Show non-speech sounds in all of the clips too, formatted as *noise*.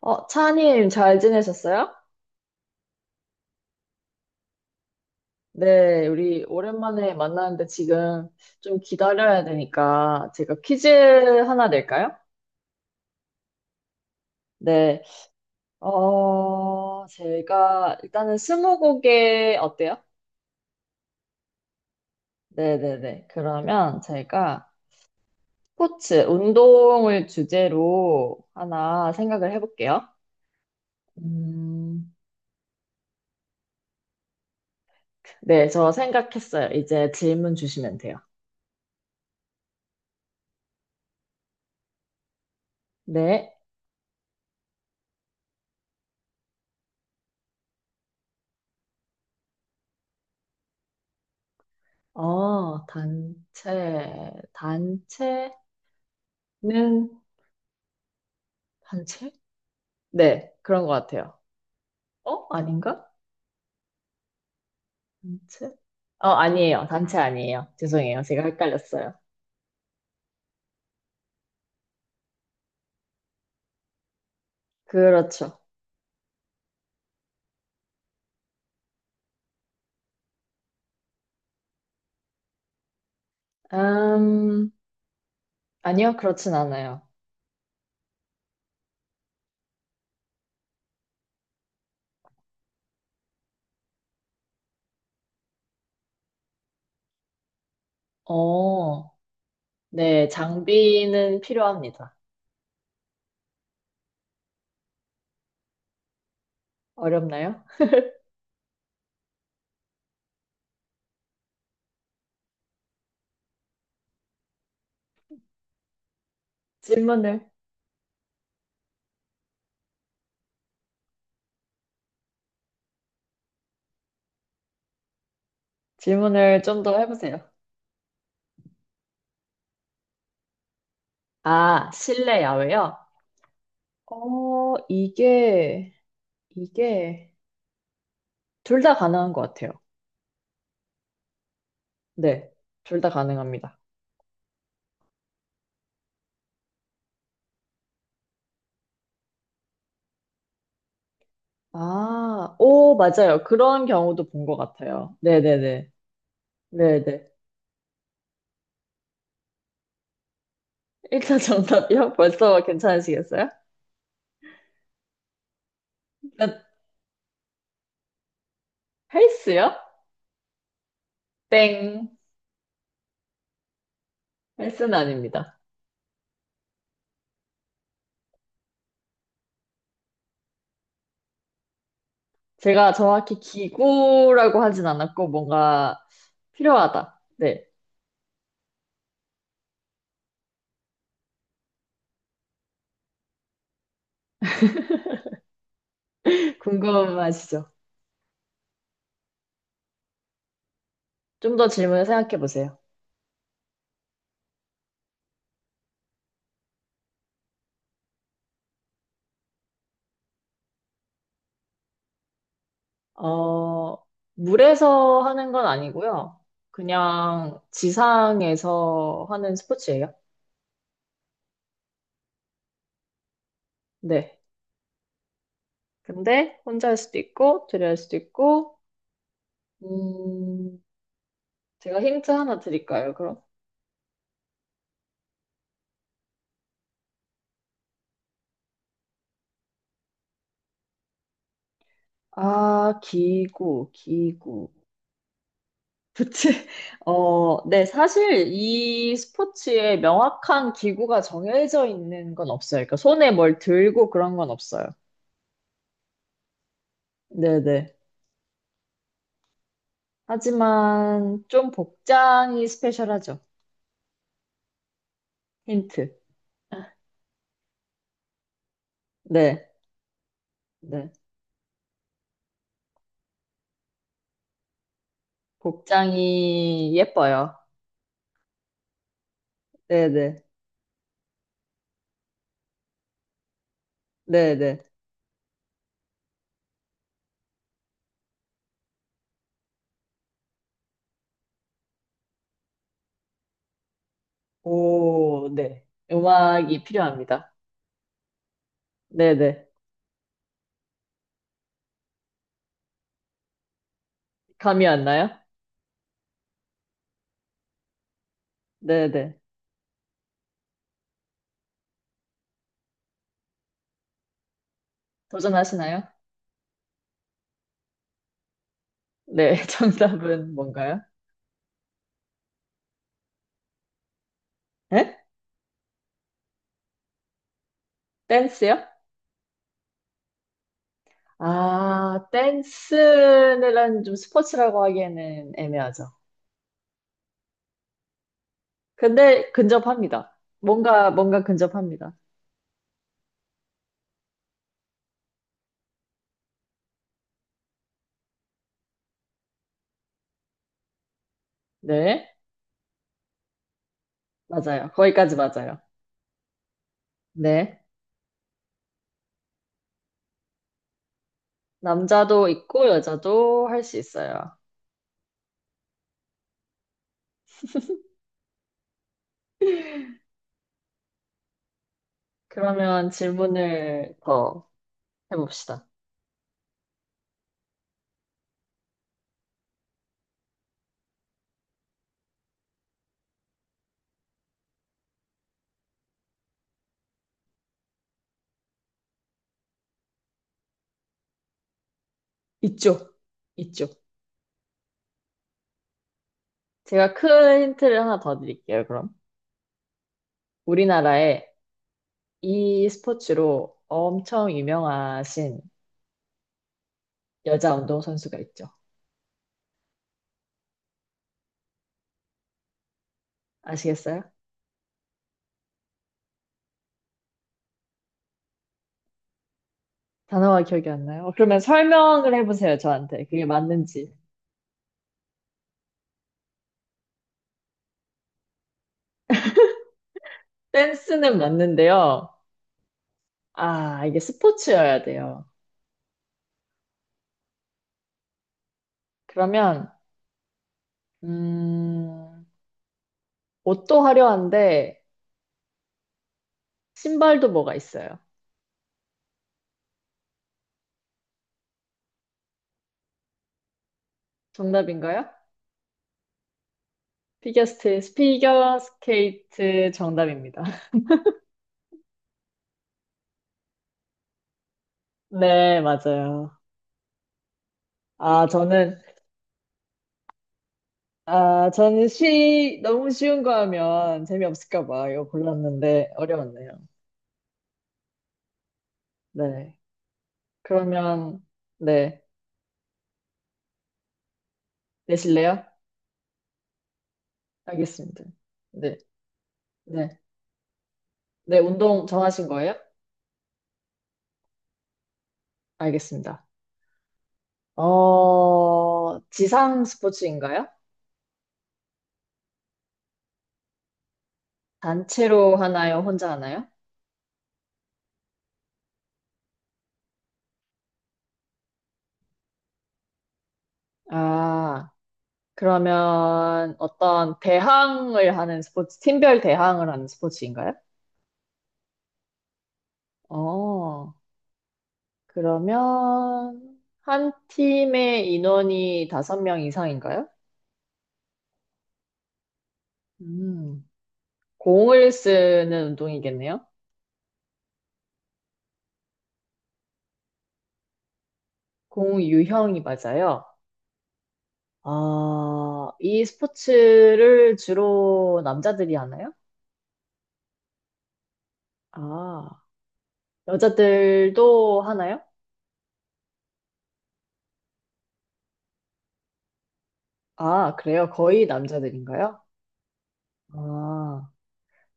차님, 잘 지내셨어요? 네, 우리 오랜만에 만나는데 지금 좀 기다려야 되니까 제가 퀴즈 하나 낼까요? 네, 제가 일단은 스무고개 어때요? 네네네. 그러면 제가 스포츠, 운동을 주제로 하나 생각을 해볼게요. 음, 네, 저 생각했어요. 이제 질문 주시면 돼요. 네. 단체, 단체. 는 단체? 네, 그런 것 같아요. 어? 아닌가? 단체? 아니에요. 단체 아니에요. 죄송해요. 제가 헷갈렸어요. 그렇죠. 음, 아니요, 그렇진 않아요. 어, 네, 장비는 필요합니다. 어렵나요? 질문을, 질문을 좀 더 해보세요. 아, 실내, 야외요? 어, 이게, 이게, 둘 다 가능한 것 같아요. 네, 둘 다 가능합니다. 아, 오, 맞아요. 그런 경우도 본 것 같아요. 네네네. 네네. 1차 정답이요? *laughs* 벌써 괜찮으시겠어요? 일단 헬스요? 땡. 헬스는 아닙니다. 제가 정확히 기구라고 하진 않았고, 뭔가 필요하다. 네. 궁금하시죠? 좀 더 질문을 생각해 보세요. 어, 물에서 하는 건 아니고요. 그냥 지상에서 하는 스포츠예요. 네. 근데 혼자 할 수도 있고, 둘이 할 수도 있고, 음, 제가 힌트 하나 드릴까요, 그럼? 아, 기구, 기구. 그치? *laughs* 네, 사실 이 스포츠에 명확한 기구가 정해져 있는 건 없어요. 그러니까 손에 뭘 들고 그런 건 없어요. 네네. 하지만 좀 복장이 스페셜하죠. 힌트. 네, 네. 복장이 예뻐요. 네네. 네네. 오, 네. 음악이 필요합니다. 네네. 감이 안 나요? 네네. 도전하시나요? 네. *laughs* 정답은 뭔가요? 네? 댄스요? 아, 댄스는 좀 스포츠라고 하기에는 애매하죠. 근데 근접합니다. 뭔가 근접합니다. 네. 맞아요. 거기까지 맞아요. 네. 남자도 있고 여자도 할 수 있어요. 그러면 질문을 더 해봅시다. 있죠? 있죠? 제가 큰 힌트를 하나 더 드릴게요, 그럼. 우리나라에 이 스포츠로 엄청 유명하신 여자 운동선수가 있죠. 아시겠어요? 단어가 기억이 안 나요? 그러면 설명을 해보세요, 저한테. 그게 맞는지. 댄스는 맞는데요. 아, 이게 스포츠여야 돼요. 그러면, 음, 옷도 화려한데, 신발도 뭐가 있어요? 정답인가요? 피겨 스케이트, 피겨 스케이트 정답입니다. *laughs* 네, 맞아요. 아, 저는, 아, 저는 너무 쉬운 거 하면 재미없을까 봐 이거 골랐는데 어려웠네요. 네. 그러면, 네. 내실래요? 알겠습니다. 네. 네. 네, 운동 정하신 거예요? 알겠습니다. 지상 스포츠인가요? 단체로 하나요? 혼자 하나요? 아, 그러면 어떤 대항을 하는 스포츠, 팀별 대항을 하는 스포츠인가요? 어, 그러면 한 팀의 인원이 다섯 명 이상인가요? 음, 공을 쓰는 운동이겠네요. 공 유형이 맞아요. 아, 이 스포츠를 주로 남자들이 하나요? 아, 여자들도 하나요? 아, 그래요? 거의 남자들인가요? 아,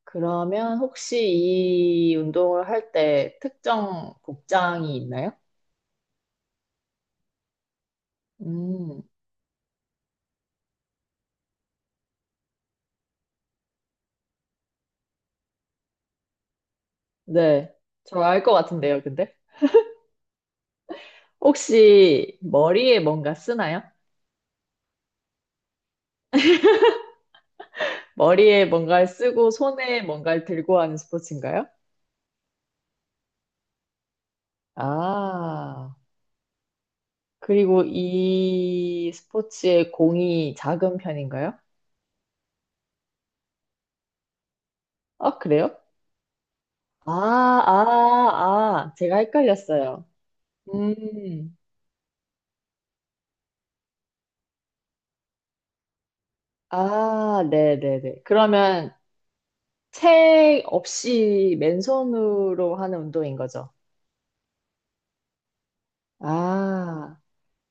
그러면 혹시 이 운동을 할 때 특정 복장이 있나요? 음, 네. 저 알 것 같은데요, 근데. 혹시 머리에 뭔가 쓰나요? 머리에 뭔가를 쓰고 손에 뭔가를 들고 하는 스포츠인가요? 아, 그리고 이 스포츠의 공이 작은 편인가요? 아, 그래요? 아, 제가 헷갈렸어요. 음, 아, 네네네. 그러면 채 없이 맨손으로 하는 운동인 거죠? 아,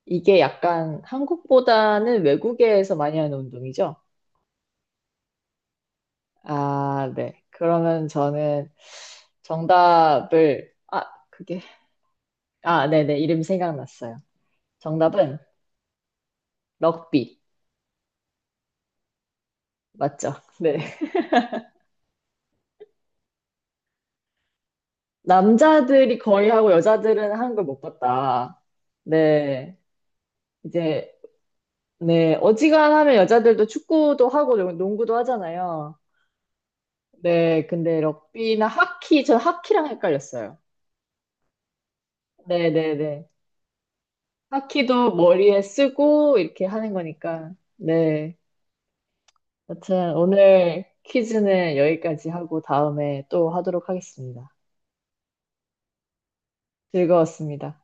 이게 약간 한국보다는 외국에서 많이 하는 운동이죠? 아, 네. 그러면 저는 정답을, 아, 그게, 아, 네네. 이름 생각났어요. 정답은 럭비. 맞죠? 네. 남자들이 거의 하고 여자들은 하는 걸 못 봤다. 네. 이제, 네. 어지간하면 여자들도 축구도 하고 농구도 하잖아요. 네. 근데 럭비나 하키, 전 하키랑 헷갈렸어요. 네네네. 하키도 머리에 쓰고 이렇게 하는 거니까. 네. 여튼 오늘 퀴즈는 여기까지 하고 다음에 또 하도록 하겠습니다. 즐거웠습니다.